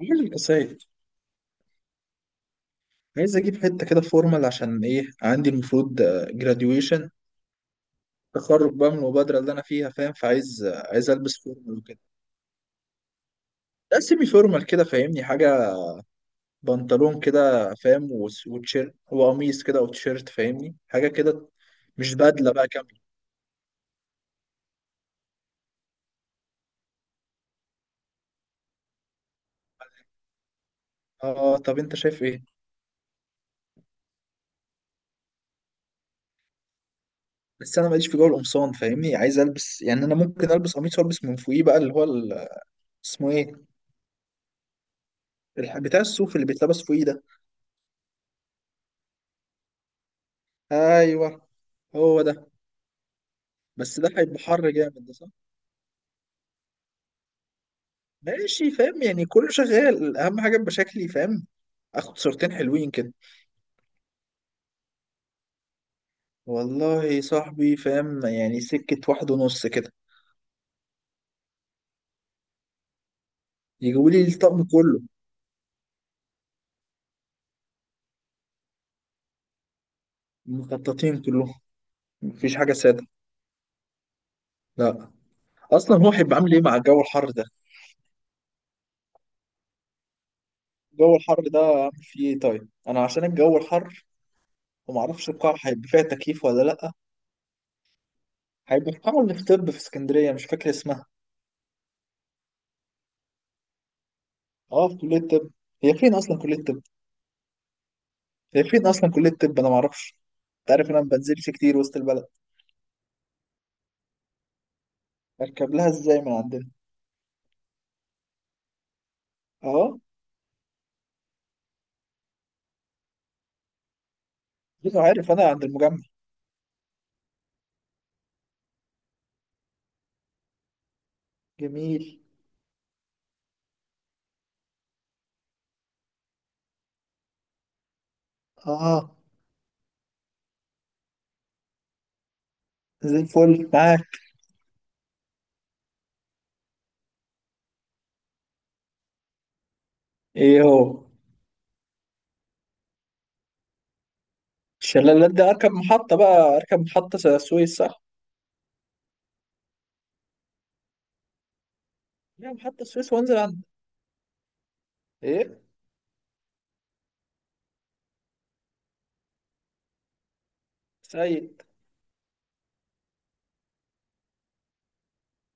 عامل القصايد. عايز اجيب حته كده فورمال، عشان ايه؟ عندي المفروض جراديويشن، تخرج بقى من المبادره اللي انا فيها، فاهم؟ فعايز آه، عايز البس فورمال وكده. لا، سيمي فورمال كده، فاهمني حاجه؟ بنطلون كده، فاهم؟ وتيشيرت وقميص كده، او تيشيرت، فاهمني حاجه كده. مش بدله بقى كامله. اه، طب انت شايف ايه؟ بس انا ماليش في جو القمصان، فاهمني؟ عايز البس يعني، انا ممكن البس قميص والبس من فوقيه بقى اللي هو اسمه ايه؟ بتاع الصوف اللي بيتلبس فوقيه ده. ايوه، هو ده. بس ده هيبقى حر جامد، ده صح. ماشي، فاهم؟ يعني كله شغال، اهم حاجه يبقى شكلي فاهم، اخد صورتين حلوين كده. والله صاحبي، فاهم؟ يعني سكه واحد ونص كده، يجيبوا لي الطقم كله. المخططين كلهم، مفيش حاجه ساده. لا. اصلا هو هيبقى عامل ايه مع الجو الحر ده؟ الجو الحر ده عامل فيه ايه؟ طيب انا عشان الجو الحر، ومعرفش القاعه هيبقى فيها تكييف ولا لا. هيبقى في قاعه اللي في طب، في اسكندريه، مش فاكر اسمها. اه، في كليه الطب. هي فين اصلا كليه الطب؟ هي فين اصلا كليه الطب؟ انا ما اعرفش. انت عارف انا ما بنزلش كتير وسط البلد. اركب لها ازاي من عندنا؟ اه، انا عارف، انا عند المجمع. جميل. اه، زي الفل معاك. ايه هو؟ الشلالات دي اركب محطه بقى، اركب محطه السويس، صح؟ لا، محطه السويس وانزل عند ايه؟ سيد.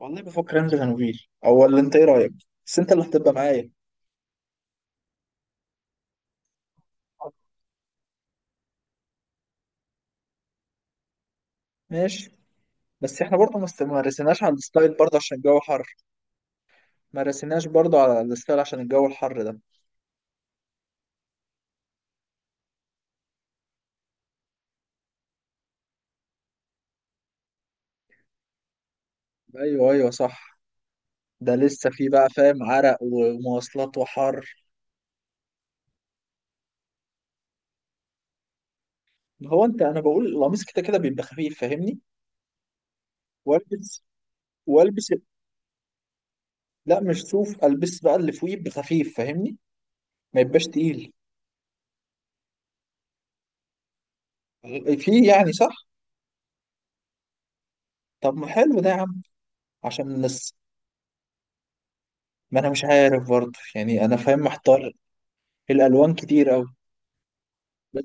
والله بفكر انزل هنوفيل او، ولا انت ايه رايك؟ بس انت اللي هتبقى معايا. ماشي. بس احنا برضه ما رسيناش على الستايل برضه، عشان الجو حر. ما رسيناش برضه على الستايل، عشان الجو الحر ده. ايوه، ايوه، صح. ده لسه فيه بقى، فاهم؟ عرق ومواصلات وحر. هو انت، انا بقول القميص كده كده بيبقى خفيف، فاهمني؟ والبس. والبس. لا مش صوف، البس بقى اللي فوقيه يبقى خفيف، فاهمني؟ ما يبقاش تقيل. فيه يعني، صح. طب ما حلو ده يا عم. عشان الناس، ما انا مش عارف برضه يعني، انا فاهم، محتار. الالوان كتير قوي. بس.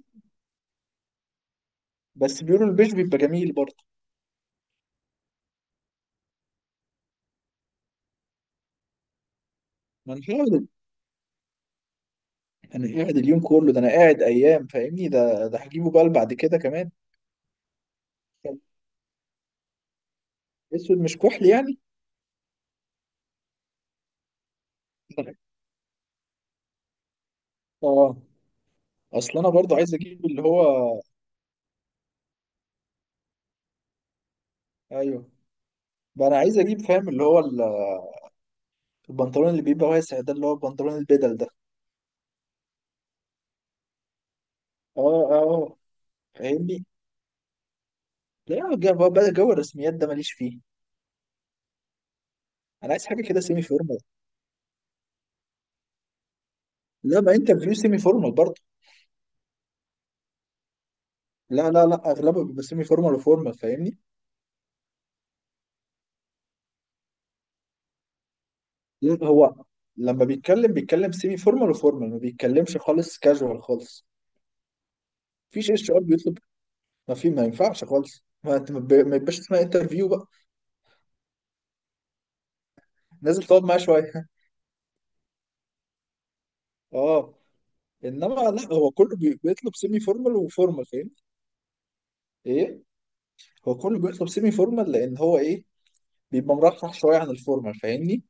بس بيقولوا البيج بيبقى جميل برضه. ما انا قاعد. انا قاعد اليوم كله ده، انا قاعد ايام، فاهمني؟ ده هجيبه بقى بعد كده كمان. طب، اسود مش كحلي يعني؟ اه. اصل انا برضو عايز اجيب اللي هو، ايوه، بقى انا عايز اجيب، فاهم؟ اللي هو البنطلون اللي بيبقى واسع ده، اللي هو البنطلون البدل ده. اه، اه. فاهمني. لا بقى جو الرسميات ده ماليش فيه. انا عايز حاجه كده سيمي فورمال. لا، ما انت بتقول سيمي فورمال برضه. لا، لا، لا، اغلبها بيبقى سيمي فورمال وفورمال، فاهمني؟ لا هو، لما بيتكلم بيتكلم سيمي فورمال وفورمال، ما بيتكلمش خالص كاجوال خالص. مفيش HR بيطلب، ما في، ما ينفعش خالص، ما انت ما يبقاش اسمها انترفيو بقى. نازل تقعد معاه شويه اه. انما لا، هو كله بيطلب سيمي فورمال وفورمال، فاهمني؟ ايه؟ هو كله بيطلب سيمي فورمال، لان هو ايه؟ بيبقى مرحرح شويه عن الفورمال، فاهمني؟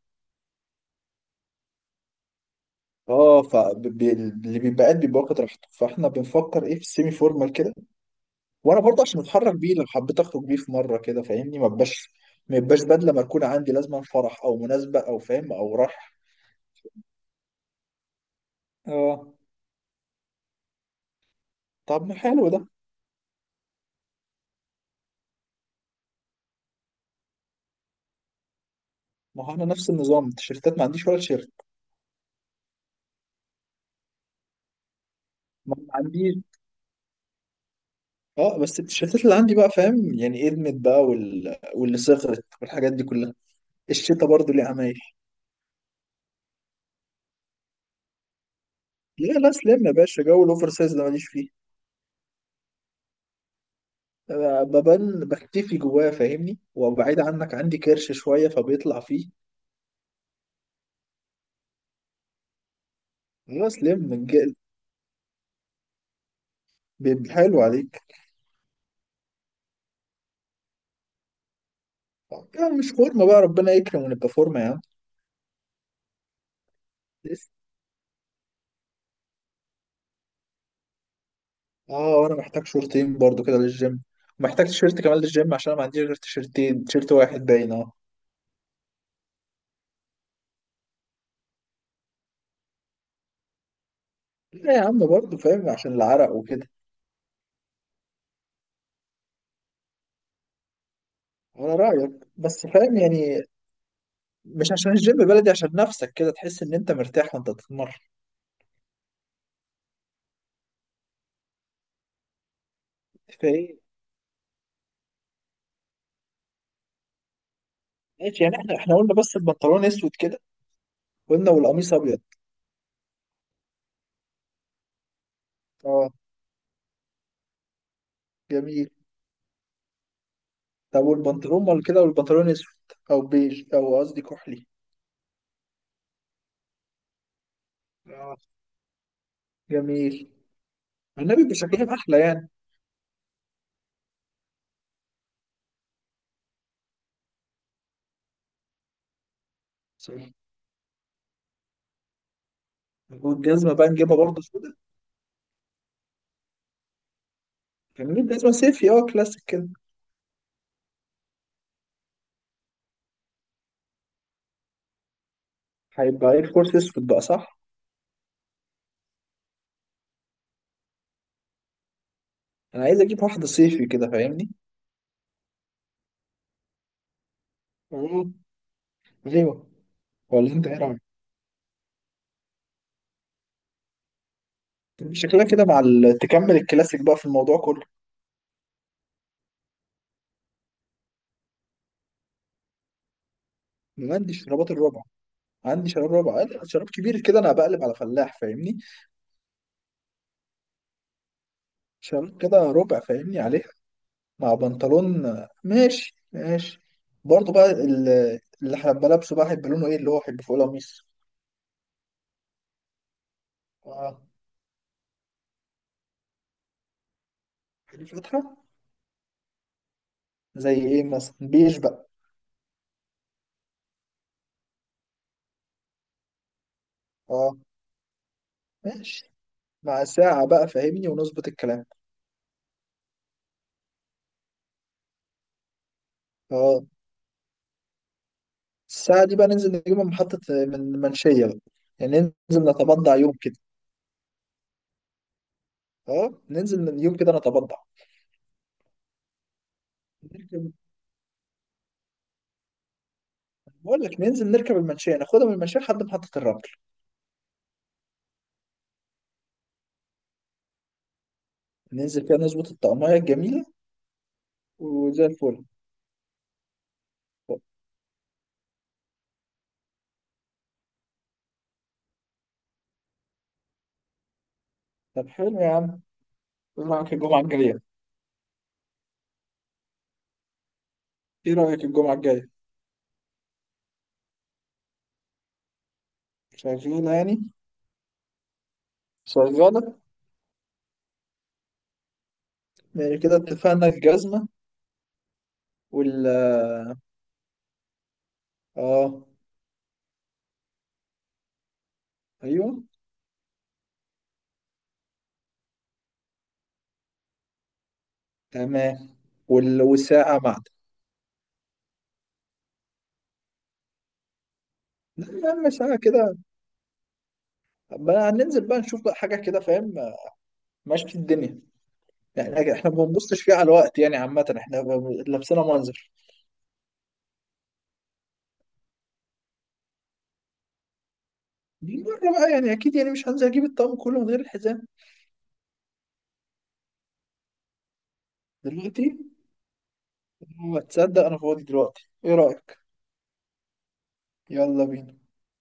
اه، فاللي بيبقى قاعد بيبقى واخد راحته، فاحنا بنفكر ايه في السيمي فورمال كده. وانا برضه عشان اتحرك بيه، لو حبيت اخرج بيه في مره كده، فاهمني؟ ما يبقاش بدله مركونه عندي، لازما فرح او مناسبه، او فاهم او رايح. اه، طب ما حلو ده. ما هو انا نفس النظام، التيشيرتات ما عنديش ولا تيشيرت. ما عنديش. اه، بس التيشيرتات اللي عندي بقى، فاهم؟ يعني ادمت بقى، واللي صغرت والحاجات دي كلها. الشتا برضو ليه عمايل. لا، لا، سلام يا باشا، جو الاوفر سايز ده ماليش فيه. أنا ببان بختفي جواه، فاهمني؟ وبعيد عنك، عندي كرش شويه فبيطلع فيه. لا، سلام بيبقى حلو عليك. يعني مش فورمه بقى، ربنا يكرم ونبقى فورمه يا عم. لسه. اه، وانا محتاج شورتين برضو كده للجيم. ومحتاج تيشيرت كمان للجيم، عشان أنا ما عنديش غير تيشيرتين، تيشيرت واحد باين، اه. لا يا عم، برضو فاهم؟ عشان العرق وكده. على رأيك. بس فاهم يعني. مش عشان الجيم بلدي، عشان نفسك كده تحس ان انت مرتاح وانت بتتمرن. فايه. ماشي، يعني احنا قلنا بس البنطلون اسود كده، قلنا والقميص ابيض. اه، جميل. طب والبنطلون مال كده، والبنطلون اسود، او بيج، او قصدي كحلي. اه، جميل. النبي بيبقى شكلهم احلى يعني. صح. والجزمه بقى نجيبها برضه سودا. جميل، جزمه صيفي، اه كلاسيك كده. هيبقى ايه الكورس؟ اسود بقى، صح. انا عايز اجيب واحده صيفي كده، فاهمني؟ اه. ايوه. ولا انت ايه رأيك؟ شكلها كده مع تكمل الكلاسيك بقى في الموضوع كله. أنا عندي شرابات الربع. عندي شراب ربع، أنا شراب كبير كده انا بقلب على فلاح، فاهمني؟ شراب كده ربع، فاهمني عليه. مع بنطلون. ماشي، ماشي. برضه بقى اللي هبقى لابسه بقى هيبقى لونه ايه؟ اللي هو هيبقى فوق القميص. اه، هيبقى فاتحة. زي ايه مثلا؟ بيج بقى. اه، ماشي. مع ساعة بقى، فاهمني؟ ونظبط الكلام. اه، الساعة دي بقى ننزل نجيبها من محطة، من منشية بقى. يعني ننزل نتبضع يوم كده. اه، ننزل من يوم كده نتبضع. نركب. بقول لك ننزل نركب المنشية، ناخدها من المنشية لحد محطة الرمل. ننزل فيها نظبط الطعمية الجميلة. وزي الفل. طب حلو يا عم، ايه رأيك الجمعة الجاية؟ ايه رأيك الجمعة الجاية؟ شغالة يعني. شغالة. يعني كده اتفقنا، الجزمة. وال، اه، ايوه، تمام. والساعة معنا. لا يا عم، ساعة كده، بقى هننزل بقى نشوف بقى حاجة كده، فاهم؟ ماشي في الدنيا. يعني احنا ما بنبصش فيها على الوقت يعني، عامة احنا لابسينها منظر. دي مرة بقى يعني، أكيد يعني مش هنزل أجيب الطقم كله من غير الحزام. دلوقتي؟ هو تصدق أنا فاضي دلوقتي، إيه رأيك؟ يلا بينا.